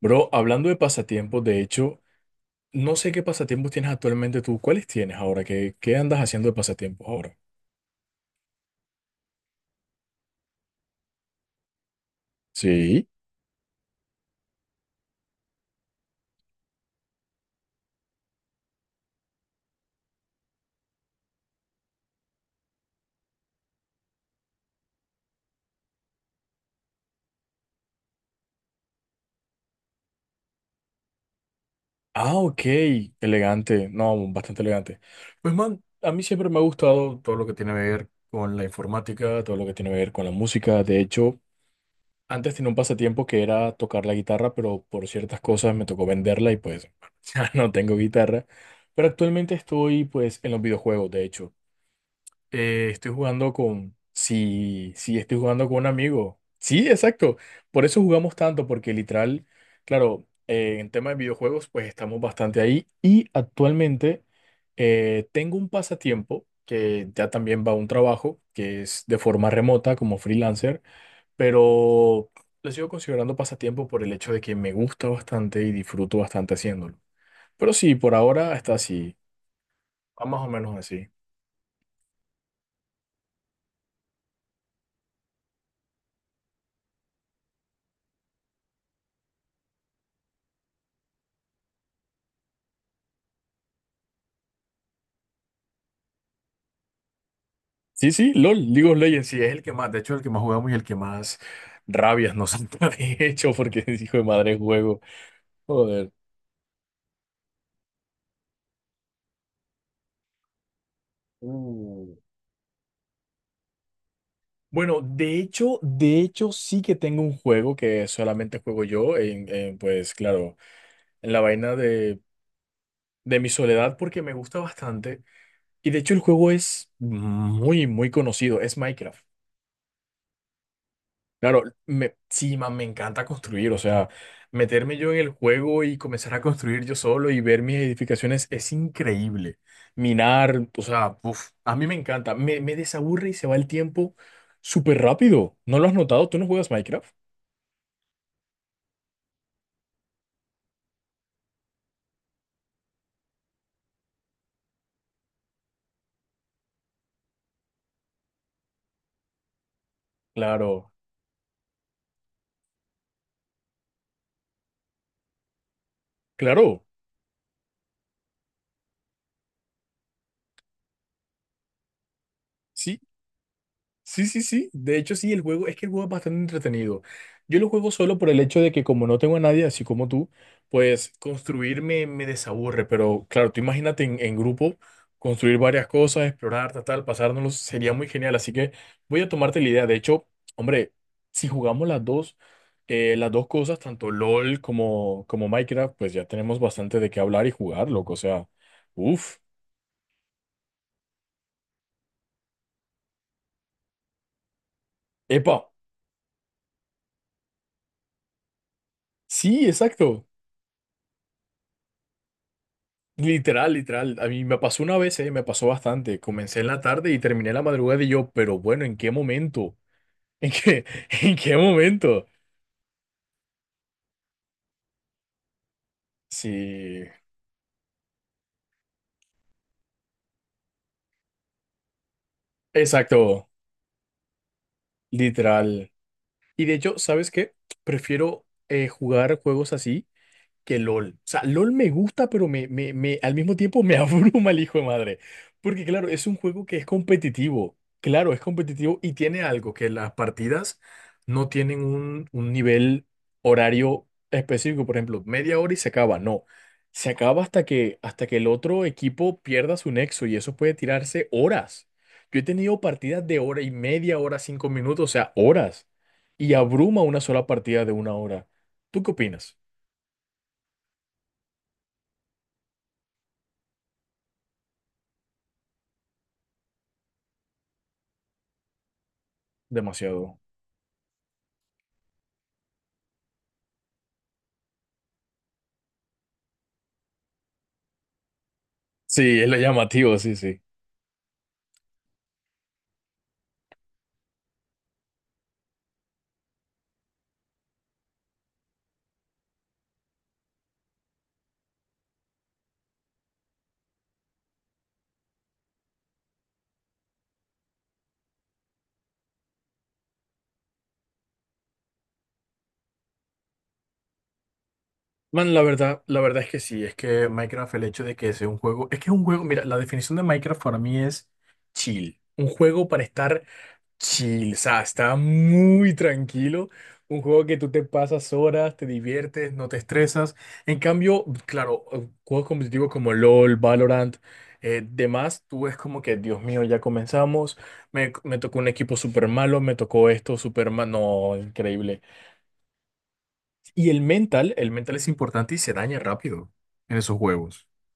Bro, hablando de pasatiempos, de hecho, no sé qué pasatiempos tienes actualmente tú. ¿Cuáles tienes ahora? ¿Qué andas haciendo de pasatiempos ahora? Sí. Ah, ok, elegante, no, bastante elegante. Pues man, a mí siempre me ha gustado todo lo que tiene que ver con la informática, todo lo que tiene que ver con la música. De hecho, antes tenía un pasatiempo que era tocar la guitarra, pero por ciertas cosas me tocó venderla y pues ya no tengo guitarra. Pero actualmente estoy pues en los videojuegos, de hecho. Estoy jugando con... Sí, sí, estoy jugando con un amigo. Sí, exacto. Por eso jugamos tanto, porque literal, claro, en tema de videojuegos, pues estamos bastante ahí. Y actualmente tengo un pasatiempo que ya también va a un trabajo, que es de forma remota como freelancer, pero lo sigo considerando pasatiempo por el hecho de que me gusta bastante y disfruto bastante haciéndolo. Pero sí, por ahora está así, va más o menos así. Sí, sí, LOL, League of Legends, sí, es el que más, de hecho, el que más jugamos y el que más rabias nos han de hecho, porque es hijo de madre juego. Joder. Uh. Bueno, de hecho, sí que tengo un juego que solamente juego yo, pues claro, en la vaina de mi soledad, porque me gusta bastante. Y de hecho, el juego es muy, muy conocido, es Minecraft. Claro, me, sí, man, me encanta construir, o sea, meterme yo en el juego y comenzar a construir yo solo y ver mis edificaciones es increíble. Minar, o sea, uf, a mí me encanta, me desaburre y se va el tiempo súper rápido. ¿No lo has notado? ¿Tú no juegas Minecraft? Claro, claro, sí. Sí, sí, sí. De hecho, sí, el juego, es que el juego es bastante entretenido. Yo lo juego solo por el hecho de que como no tengo a nadie, así como tú, pues construir me, desaburre. Pero claro, tú imagínate en grupo, construir varias cosas, explorar, tal, tal, pasárnoslos, sería muy genial. Así que voy a tomarte la idea. De hecho, hombre, si jugamos las dos, las dos cosas, tanto LOL como Minecraft, pues ya tenemos bastante de qué hablar y jugar, loco. O sea, uff. Epa, sí, exacto. Literal, literal. A mí me pasó una vez, me pasó bastante. Comencé en la tarde y terminé en la madrugada y yo, pero bueno, ¿en qué momento? ¿En qué, en qué momento? Sí, exacto, literal. Y de hecho, ¿sabes qué? Prefiero jugar juegos así que LOL. O sea, LOL me gusta, pero al mismo tiempo me abruma el hijo de madre. Porque claro, es un juego que es competitivo. Claro, es competitivo y tiene algo, que las partidas no tienen un, nivel horario específico. Por ejemplo, media hora y se acaba. No. Se acaba hasta que el otro equipo pierda su nexo y eso puede tirarse horas. Yo he tenido partidas de hora y media, hora, 5 minutos, o sea, horas. Y abruma una sola partida de una hora. ¿Tú qué opinas? Demasiado. Sí, es lo llamativo, sí, sí. Man, la verdad es que sí, es que Minecraft, el hecho de que sea un juego, es que es un juego, mira, la definición de Minecraft para mí es chill, un juego para estar chill, o sea, está muy tranquilo, un juego que tú te pasas horas, te diviertes, no te estresas, en cambio, claro, juegos competitivos como LOL, Valorant, demás, tú es como que, Dios mío, ya comenzamos, me tocó un equipo súper malo, me tocó esto súper malo, no, increíble. Y el mental es importante y se daña rápido en esos juegos.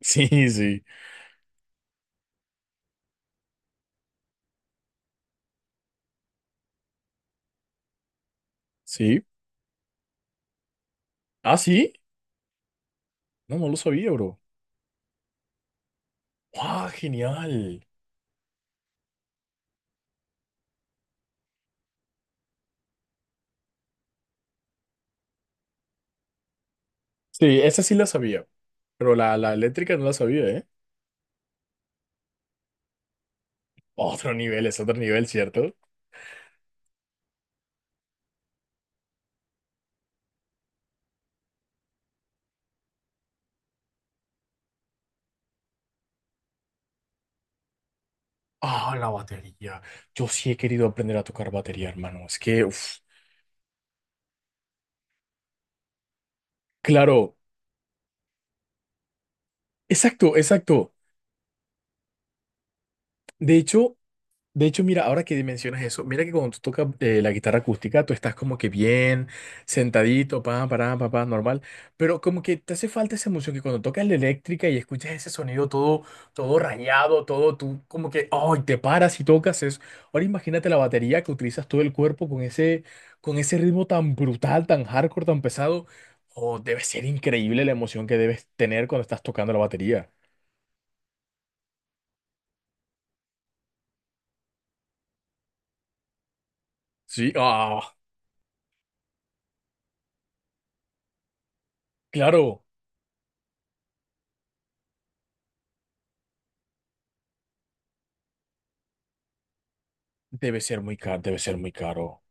Sí, sí, sí. Ah, sí. No, no lo sabía, bro. ¡Ah, genial! Sí, esa sí la sabía, pero la eléctrica no la sabía, ¿eh? Otro nivel, es otro nivel, ¿cierto? Ah, la batería. Yo sí he querido aprender a tocar batería, hermano. Es que, uf, claro, exacto, exacto. De hecho, de hecho, mira, ahora que mencionas eso, mira que cuando tú tocas la guitarra acústica, tú estás como que bien sentadito, para, normal, pero como que te hace falta esa emoción que cuando tocas la eléctrica y escuchas ese sonido todo, rayado, todo, tú como que, oh, y te paras y tocas eso. Ahora imagínate la batería que utilizas todo el cuerpo con ese, ritmo tan brutal, tan hardcore, tan pesado. Oh, debe ser increíble la emoción que debes tener cuando estás tocando la batería. Sí, ah, claro, debe ser muy caro, debe ser muy caro.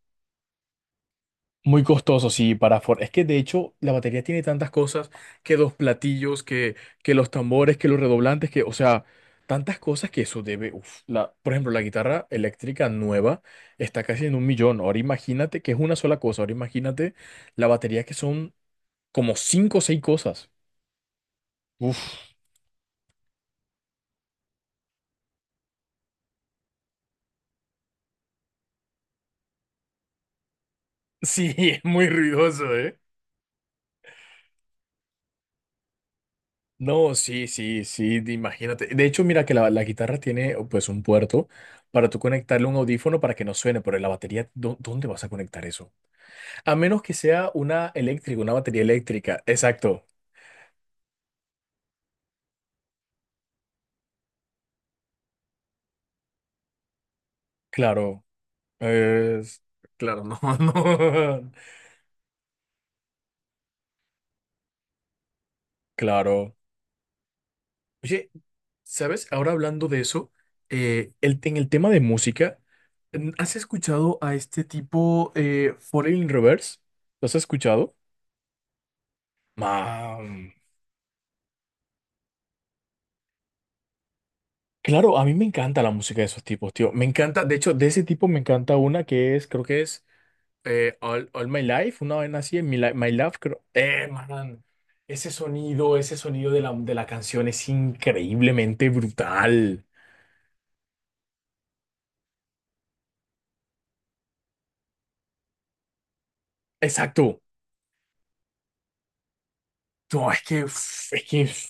Muy costoso, sí, para Ford. Es que de hecho la batería tiene tantas cosas que dos platillos, que los tambores, que los redoblantes, o sea, tantas cosas que eso debe. Uf, por ejemplo, la guitarra eléctrica nueva está casi en un millón. Ahora imagínate que es una sola cosa. Ahora imagínate la batería que son como cinco o seis cosas. Uf, sí, es muy ruidoso, ¿eh? No, sí, sí, sí, imagínate. De hecho, mira que la guitarra tiene oh, pues un puerto para tú conectarle un audífono para que no suene, pero en la batería, ¿dónde vas a conectar eso? A menos que sea una eléctrica, una batería eléctrica. Exacto, claro. Es- claro, no, no. Claro. Oye, ¿sabes? Ahora hablando de eso, en el tema de música, ¿has escuchado a este tipo Foreign Reverse? ¿Lo has escuchado? Mam. Claro, a mí me encanta la música de esos tipos, tío. Me encanta, de hecho, de ese tipo me encanta una que es, creo que es All My Life, una vez así, en My Love, creo. Man, ese sonido, de la, canción es increíblemente brutal. Exacto. No, es que, uf,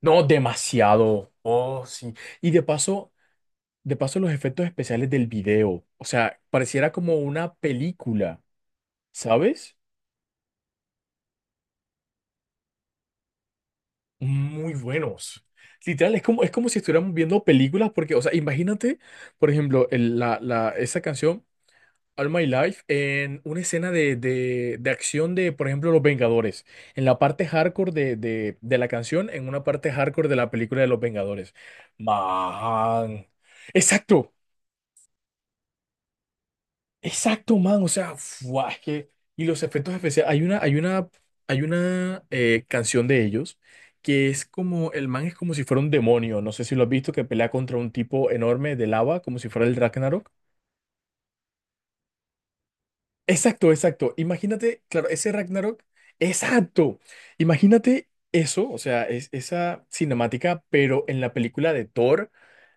no, demasiado. Oh, sí. Y de paso, los efectos especiales del video. O sea, pareciera como una película, ¿sabes? Muy buenos. Literal, es como si estuviéramos viendo películas, porque, o sea, imagínate, por ejemplo, esa canción, All My Life, en una escena de acción de, por ejemplo, Los Vengadores, en la parte hardcore de la canción, en una parte hardcore de la película de Los Vengadores. Man. Exacto, exacto, man, o sea, fuá, es que y los efectos especiales, hay una, canción de ellos que es como, el man es como si fuera un demonio, no sé si lo has visto, que pelea contra un tipo enorme de lava, como si fuera el Ragnarok. Exacto, exacto, imagínate, claro, ese Ragnarok, exacto, imagínate eso, o sea, es, esa cinemática, pero en la película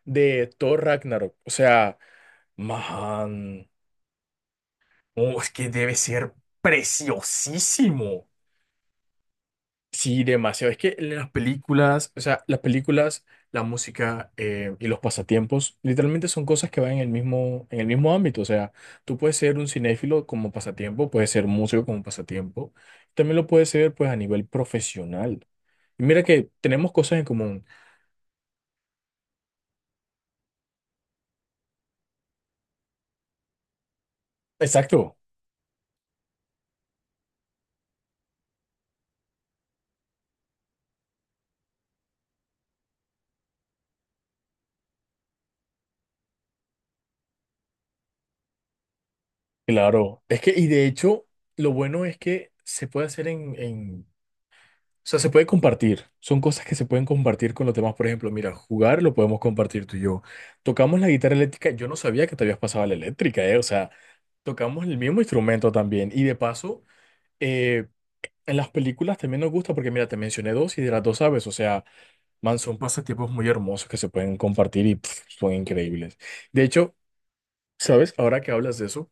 de Thor Ragnarok, o sea, man, oh, es que debe ser preciosísimo. Sí, demasiado. Es que las películas, o sea, las películas, la música y los pasatiempos, literalmente son cosas que van en el mismo, ámbito. O sea, tú puedes ser un cinéfilo como pasatiempo, puedes ser músico como pasatiempo, también lo puedes ser pues a nivel profesional. Y mira que tenemos cosas en común. Exacto, claro. Es que, y de hecho, lo bueno es que se puede hacer en o sea, se puede compartir. Son cosas que se pueden compartir con los demás. Por ejemplo, mira, jugar lo podemos compartir tú y yo. Tocamos la guitarra eléctrica. Yo no sabía que te habías pasado a la eléctrica, ¿eh? O sea, tocamos el mismo instrumento también. Y de paso, eh, en las películas también nos gusta porque, mira, te mencioné dos y de las dos sabes. O sea, man, son pasatiempos muy hermosos que se pueden compartir y pf, son increíbles. De hecho, ¿sabes? Ahora que hablas de eso,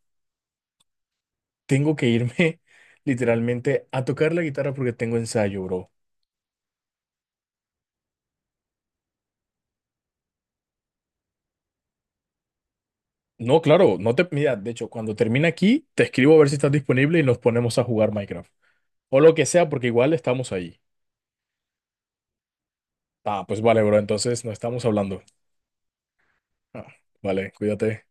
tengo que irme literalmente a tocar la guitarra porque tengo ensayo, bro. No, claro, no te. Mira, de hecho, cuando termine aquí, te escribo a ver si estás disponible y nos ponemos a jugar Minecraft. O lo que sea, porque igual estamos ahí. Ah, pues vale, bro, entonces no estamos hablando. Ah, vale, cuídate.